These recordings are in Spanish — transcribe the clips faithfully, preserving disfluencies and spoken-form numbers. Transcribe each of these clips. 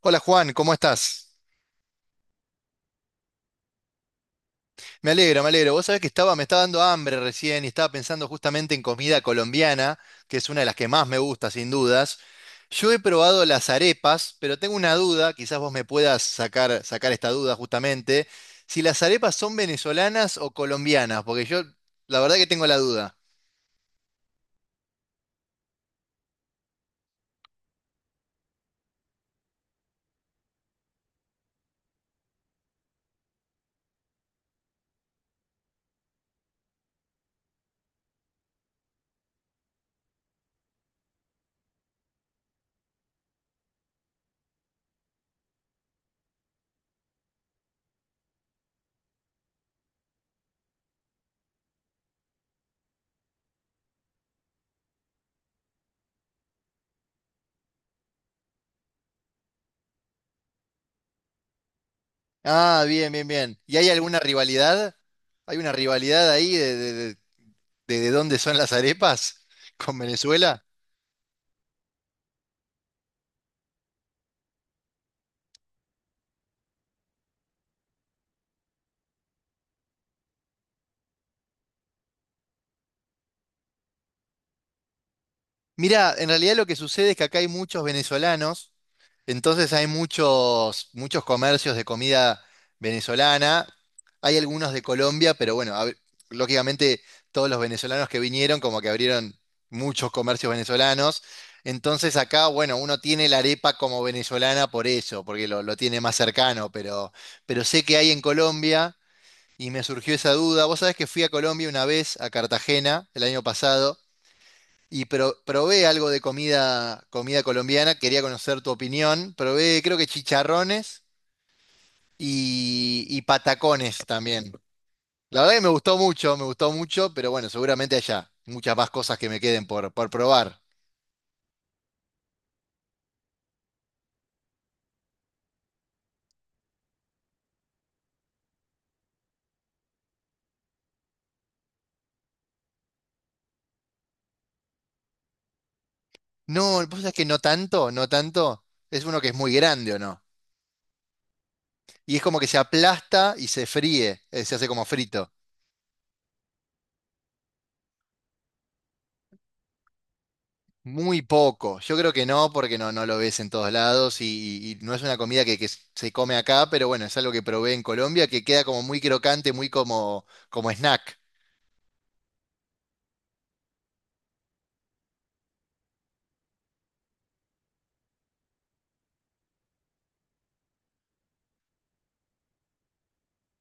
Hola Juan, ¿cómo estás? Me alegro, me alegro. Vos sabés que estaba, me estaba dando hambre recién y estaba pensando justamente en comida colombiana, que es una de las que más me gusta, sin dudas. Yo he probado las arepas, pero tengo una duda, quizás vos me puedas sacar, sacar esta duda justamente, si las arepas son venezolanas o colombianas, porque yo la verdad que tengo la duda. Ah, bien, bien, bien. ¿Y hay alguna rivalidad? ¿Hay una rivalidad ahí de, de de- de- de dónde son las arepas con Venezuela? Mira, en realidad lo que sucede es que acá hay muchos venezolanos, entonces hay muchos, muchos comercios de comida venezolana, hay algunos de Colombia, pero bueno, a ver, lógicamente todos los venezolanos que vinieron como que abrieron muchos comercios venezolanos, entonces acá, bueno, uno tiene la arepa como venezolana por eso, porque lo, lo tiene más cercano, pero, pero sé que hay en Colombia y me surgió esa duda. Vos sabés que fui a Colombia una vez, a Cartagena, el año pasado. Y pro- probé algo de comida, comida colombiana, quería conocer tu opinión. Probé, creo que chicharrones y, y patacones también. La verdad que me gustó mucho, me gustó mucho, pero bueno, seguramente allá muchas más cosas que me queden por, por probar. No, vos sabés que no tanto, no tanto. Es uno que es muy grande, ¿o no? Y es como que se aplasta y se fríe, eh, se hace como frito. Muy poco. Yo creo que no, porque no, no lo ves en todos lados y, y- y no es una comida que, que se come acá, pero bueno, es algo que probé en Colombia que queda como muy crocante, muy como, como snack.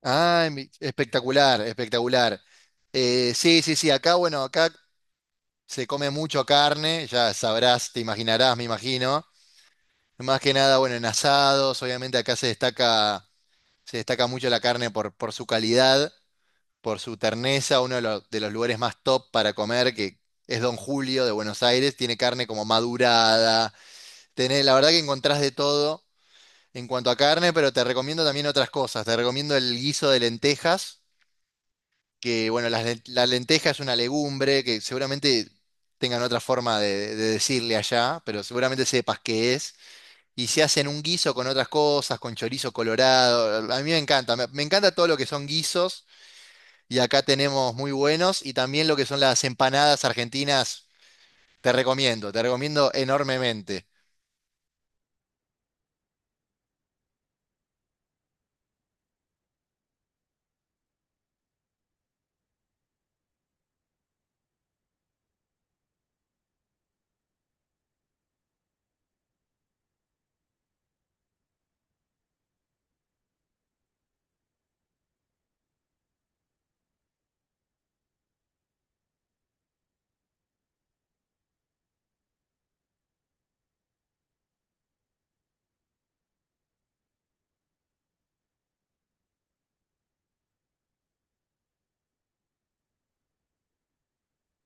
Ah, espectacular, espectacular. Eh, sí, sí, sí, acá, bueno, acá se come mucho carne, ya sabrás, te imaginarás, me imagino. Más que nada, bueno, en asados, obviamente acá se destaca, se destaca mucho la carne por, por su calidad. Por su terneza, uno de los, de los lugares más top para comer, que es Don Julio de Buenos Aires, tiene carne como madurada, tenés- la verdad que encontrás de todo en cuanto a carne, pero te recomiendo también otras cosas, te recomiendo el guiso de lentejas, que bueno, las len- la lenteja es una legumbre que seguramente tengan otra forma de, de decirle allá, pero seguramente sepas qué es. Y se hacen un guiso con otras cosas, con chorizo colorado. A mí me encanta, me me encanta todo lo que son guisos. Y acá tenemos muy buenos y también lo que son las empanadas argentinas, te recomiendo, te recomiendo enormemente.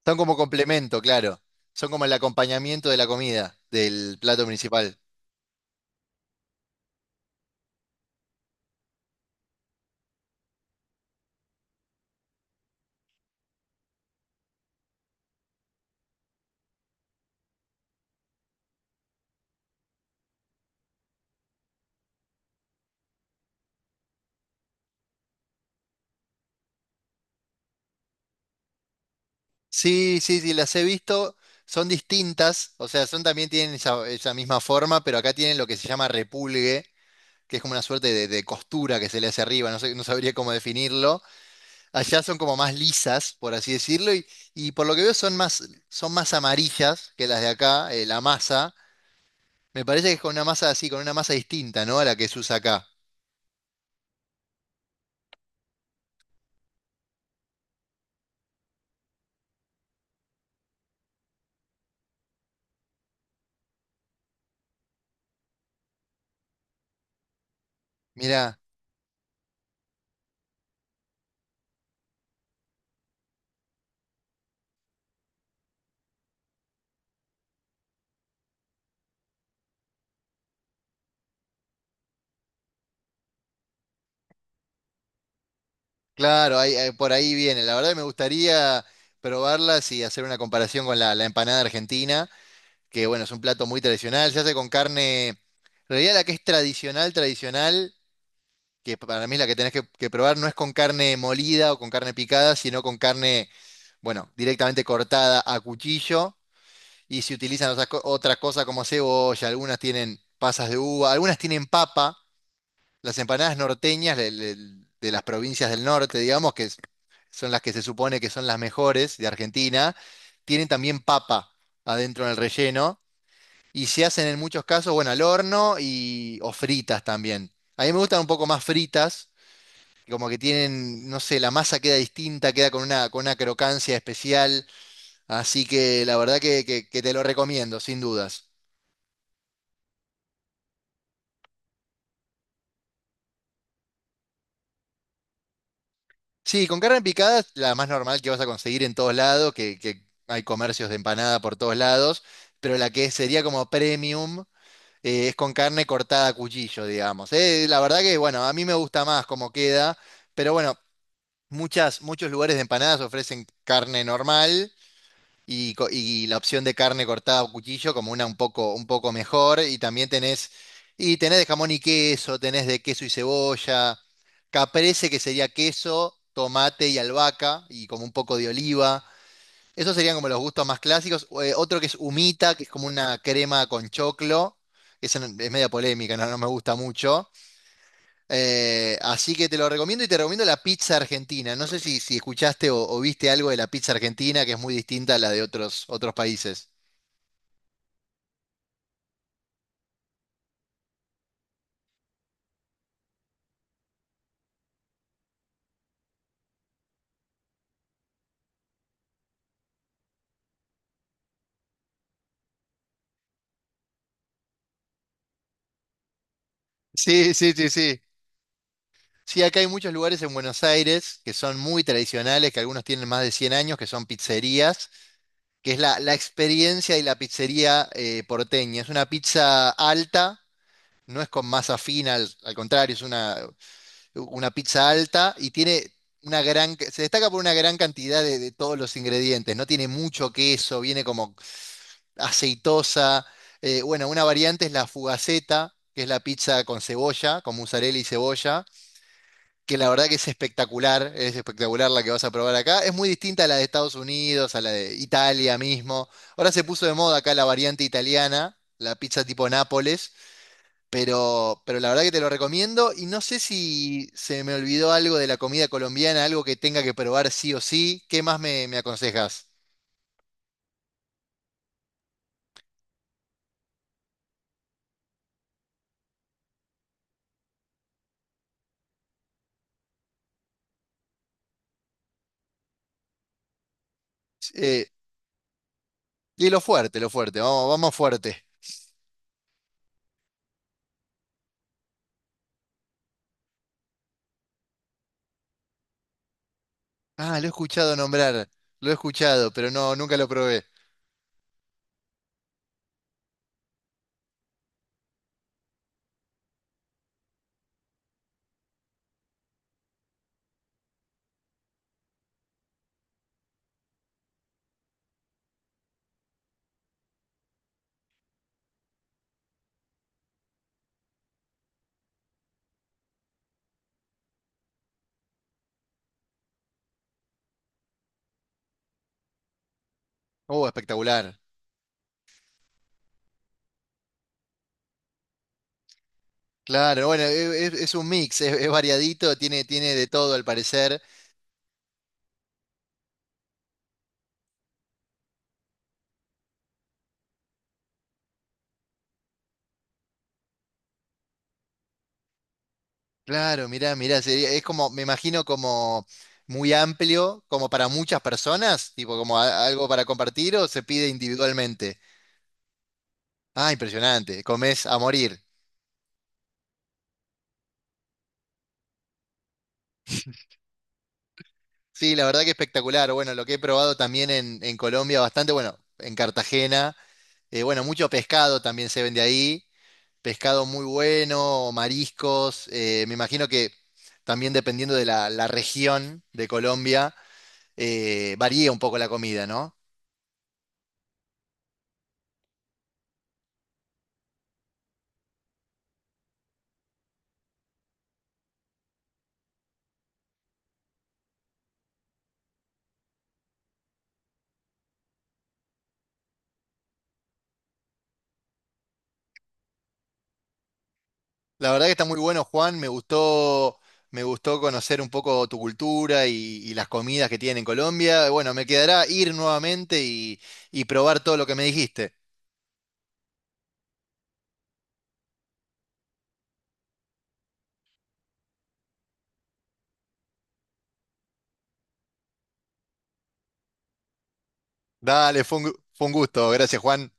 Son como complemento, claro. Son como el acompañamiento de la comida, del plato principal. Sí, sí, sí, las he visto. Son distintas, o sea, son también tienen esa, esa misma forma, pero acá tienen lo que se llama repulgue, que es como una suerte de, de costura que se le hace arriba, no sé, no sabría cómo definirlo. Allá son como más lisas, por así decirlo, y, y por lo que veo son más, son más amarillas que las de acá, eh, la masa. Me parece que es con una masa así, con una masa distinta, ¿no? A la que se usa acá. Mirá, claro, ahí- ahí- por ahí viene. La verdad que me gustaría probarlas y hacer una comparación con la, la empanada argentina, que bueno, es un plato muy tradicional, se hace con carne, en realidad la que es tradicional, tradicional. Que para mí la que tenés que, que probar no es con carne molida o con carne picada, sino con carne, bueno, directamente cortada a cuchillo. Y si utilizan otras, co- otras cosas como cebolla, algunas tienen pasas de uva, algunas tienen papa. Las empanadas norteñas de, de- de las provincias del norte, digamos, que es- son las que se supone que son las mejores de Argentina, tienen también papa adentro en el relleno. Y se hacen en muchos casos, bueno, al horno y, o fritas también. A mí me gustan un poco más fritas como que tienen, no sé, la masa queda distinta, queda con una, con una crocancia especial, así que la verdad que, que- que te lo recomiendo, sin dudas. Sí, con carne picada, la más normal que vas a conseguir en todos lados, que, que hay comercios de empanada por todos lados, pero la que sería como premium eh, es con carne cortada a cuchillo, digamos. Eh, la verdad que, bueno, a mí me gusta más cómo queda, pero bueno, muchas, muchos lugares de empanadas ofrecen carne normal. Y, co- y la opción de carne cortada a cuchillo como una un poco, un poco mejor. Y también tenés, y tenés de jamón y queso, tenés de queso y cebolla, caprese que sería queso, tomate y albahaca y como un poco de oliva. Esos serían como los gustos más clásicos. O, eh, otro que es humita, que es como una crema con choclo. Esa no- es media polémica, no, no me gusta mucho. Eh, así que te lo recomiendo y te recomiendo la pizza argentina. No sé si, si escuchaste o, o viste algo de la pizza argentina, que es muy distinta a la de otros, otros países. Sí, sí, sí, sí. Sí, acá hay muchos lugares en Buenos Aires que son muy tradicionales, que algunos tienen más de cien años, que son pizzerías, que es la, la experiencia y la pizzería eh, porteña. Es una pizza alta, no es con masa fina, al, al contrario, es una una pizza alta y tiene una gran, se destaca por una gran cantidad de, de todos los ingredientes, no tiene mucho queso, viene como aceitosa. Eh, bueno, una variante es la fugaceta, que es la pizza con cebolla, con mozzarella y cebolla, que la verdad que es espectacular, es espectacular la que vas a probar acá. Es muy distinta a la de Estados Unidos, a la de Italia mismo. Ahora se puso de moda acá la variante italiana, la pizza tipo Nápoles, pero, pero la verdad que te lo recomiendo y no sé si se me olvidó algo de la comida colombiana, algo que tenga que probar sí o sí. ¿Qué más me, me aconsejas? Eh, y lo fuerte, lo fuerte, vamos, vamos fuerte. Ah, lo he escuchado nombrar, lo he escuchado, pero no, nunca lo probé. Oh, espectacular. Claro, bueno, e- es, es un mix, es, es variadito, tiene, tiene de todo al parecer. Claro, mirá, mirá, sería, es como, me imagino como muy amplio, como para muchas personas, tipo como a- algo para compartir o se pide individualmente. Ah, impresionante. Comés a morir. Sí, la verdad que espectacular. Bueno, lo que he probado también en, en Colombia bastante, bueno, en Cartagena. Eh, bueno, mucho pescado también se vende ahí. Pescado muy bueno, mariscos. Eh, me imagino que también dependiendo de la, la región de Colombia, eh, varía un poco la comida, ¿no? La verdad que está muy bueno, Juan. Me gustó, me gustó conocer un poco tu cultura y, y las comidas que tienen en Colombia. Bueno, me quedará ir nuevamente y y probar todo lo que me dijiste. Dale, fue un, gu- fue un gusto. Gracias, Juan.